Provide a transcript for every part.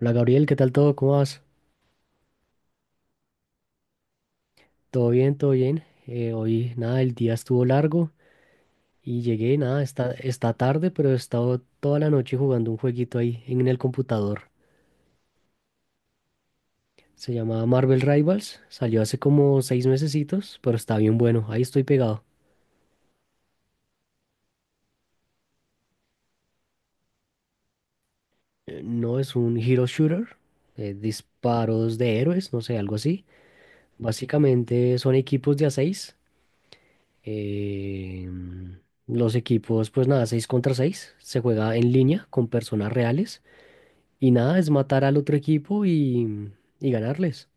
Hola Gabriel, ¿qué tal todo? ¿Cómo vas? Todo bien, todo bien. Hoy nada, el día estuvo largo y llegué, nada, está tarde, pero he estado toda la noche jugando un jueguito ahí en el computador. Se llama Marvel Rivals, salió hace como 6 mesecitos, pero está bien bueno, ahí estoy pegado. No es un hero shooter, disparos de héroes, no sé, algo así. Básicamente son equipos de a 6. Los equipos, pues nada, 6 contra 6. Se juega en línea con personas reales. Y nada, es matar al otro equipo y ganarles.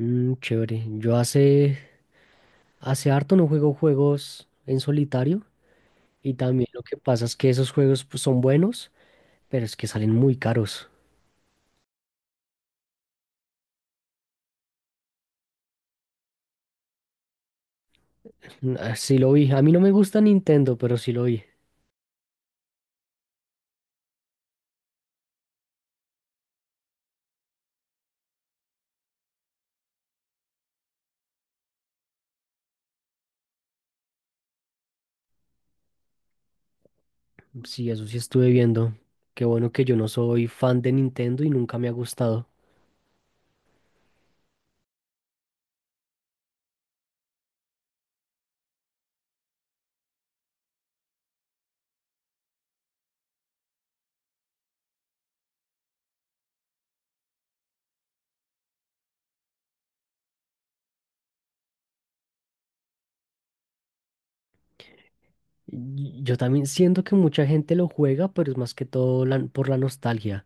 Mm, chévere. Yo hace harto no juego juegos en solitario, y también lo que pasa es que esos juegos, pues, son buenos, pero es que salen muy caros. Mm, ah, sí lo vi. A mí no me gusta Nintendo, pero sí lo vi. Sí, eso sí estuve viendo. Qué bueno que yo no soy fan de Nintendo y nunca me ha gustado. Y yo también siento que mucha gente lo juega, pero es más que todo por la nostalgia.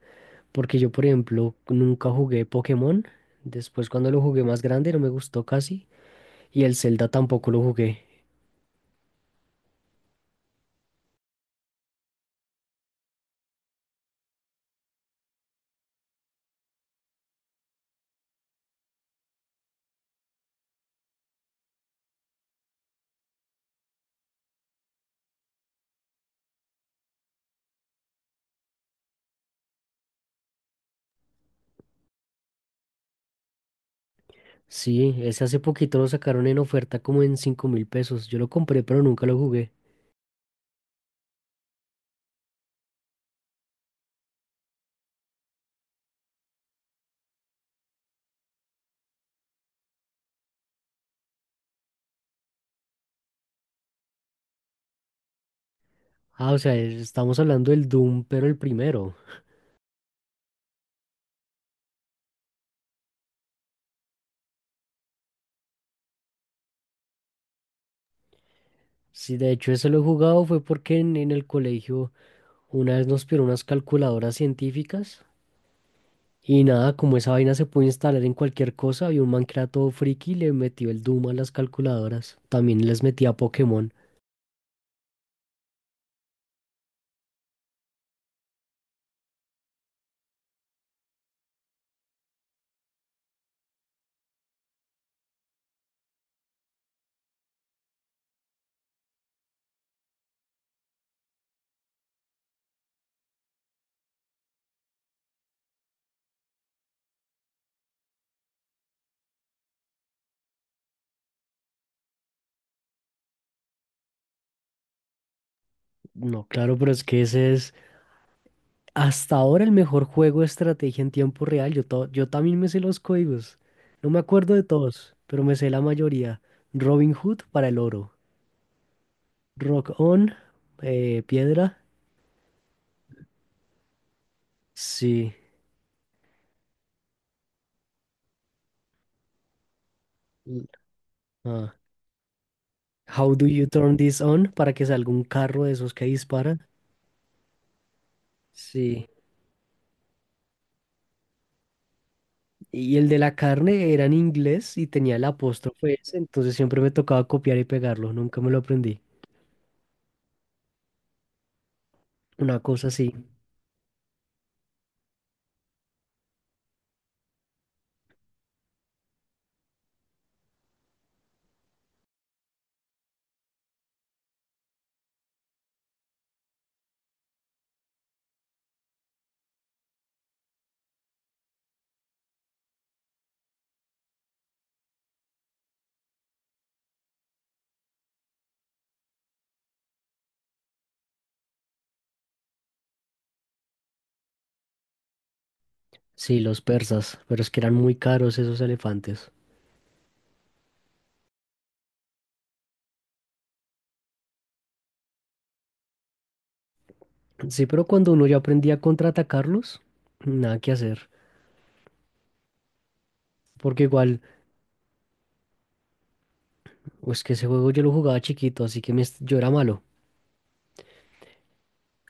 Porque yo, por ejemplo, nunca jugué Pokémon. Después, cuando lo jugué más grande, no me gustó casi. Y el Zelda tampoco lo jugué. Sí, ese hace poquito lo sacaron en oferta como en 5.000 pesos. Yo lo compré, pero nunca lo jugué. Ah, o sea, estamos hablando del Doom, pero el primero. Sí, de hecho, ese lo he jugado fue porque en el colegio una vez nos pidieron unas calculadoras científicas. Y nada, como esa vaina se puede instalar en cualquier cosa, había un man que era todo friki y le metió el Doom a las calculadoras. También les metía Pokémon. No, claro, pero es que ese es hasta ahora el mejor juego de estrategia en tiempo real. Yo también me sé los códigos. No me acuerdo de todos, pero me sé la mayoría. Robin Hood para el oro. Rock on, piedra. Sí. L- ah, How do you turn this on para que salga un carro de esos que disparan. Sí. Y el de la carne era en inglés y tenía el apóstrofe ese, entonces siempre me tocaba copiar y pegarlo. Nunca me lo aprendí. Una cosa así. Sí, los persas, pero es que eran muy caros esos elefantes. Sí, pero cuando uno ya aprendía a contraatacarlos, nada que hacer. Porque igual, pues que ese juego yo lo jugaba chiquito, así que yo era malo.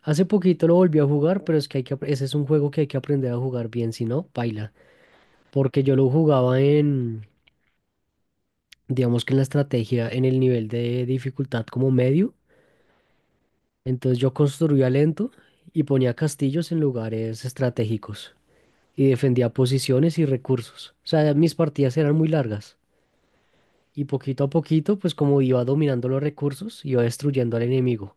Hace poquito lo volví a jugar, pero es que ese es un juego que hay que aprender a jugar bien, si no, paila. Porque yo lo jugaba en, digamos que en la estrategia, en el nivel de dificultad como medio. Entonces yo construía lento y ponía castillos en lugares estratégicos, y defendía posiciones y recursos. O sea, mis partidas eran muy largas y poquito a poquito, pues como iba dominando los recursos, iba destruyendo al enemigo.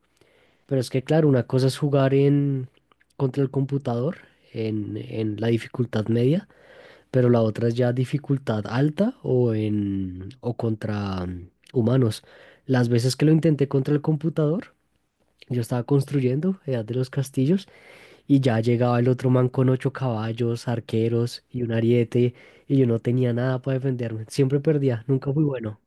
Pero es que claro, una cosa es jugar en contra el computador en, la dificultad media, pero la otra es ya dificultad alta o contra, humanos. Las veces que lo intenté contra el computador, yo estaba construyendo Edad de los Castillos y ya llegaba el otro man con ocho caballos, arqueros y un ariete, y yo no tenía nada para defenderme. Siempre perdía, nunca fui bueno.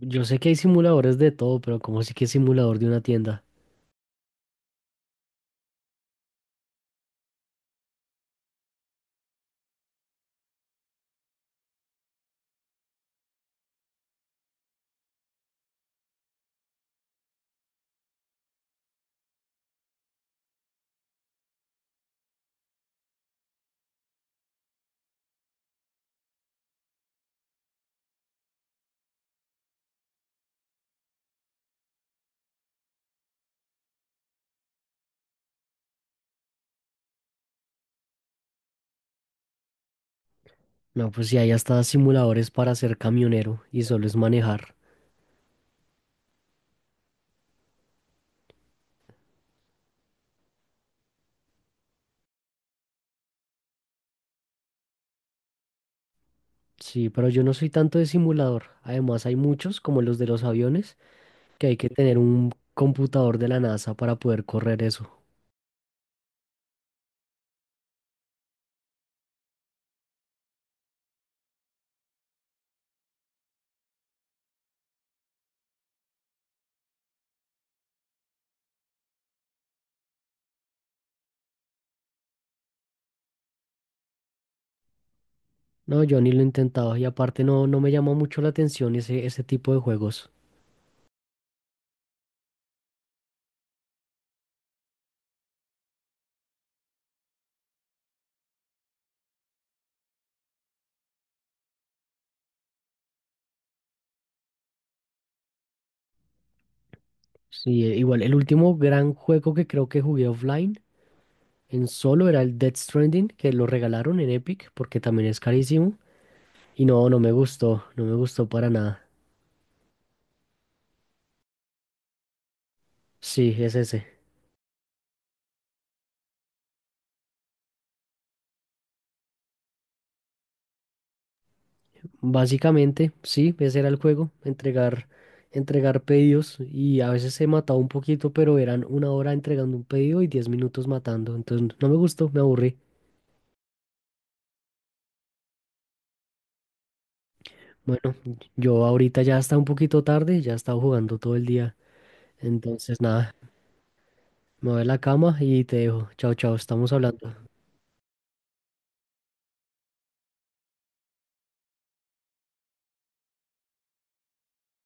Yo sé que hay simuladores de todo, pero ¿cómo así que simulador de una tienda? No, pues sí, hay hasta simuladores para ser camionero y solo es manejar. Sí, pero yo no soy tanto de simulador. Además, hay muchos, como los de los aviones, que hay que tener un computador de la NASA para poder correr eso. No, yo ni lo he intentado y aparte no me llama mucho la atención ese tipo de juegos. Sí, igual, el último gran juego que creo que jugué offline en solo era el Death Stranding, que lo regalaron en Epic porque también es carísimo. Y no, no me gustó, no, me gustó para nada. Sí, es ese. Básicamente, sí, ese era el juego, entregar pedidos y a veces se mataba un poquito, pero eran 1 hora entregando un pedido y 10 minutos matando. Entonces no me gustó, me aburrí. Bueno, yo ahorita ya está un poquito tarde, ya he estado jugando todo el día. Entonces nada, mover la cama y te dejo. Chao, chao, estamos hablando.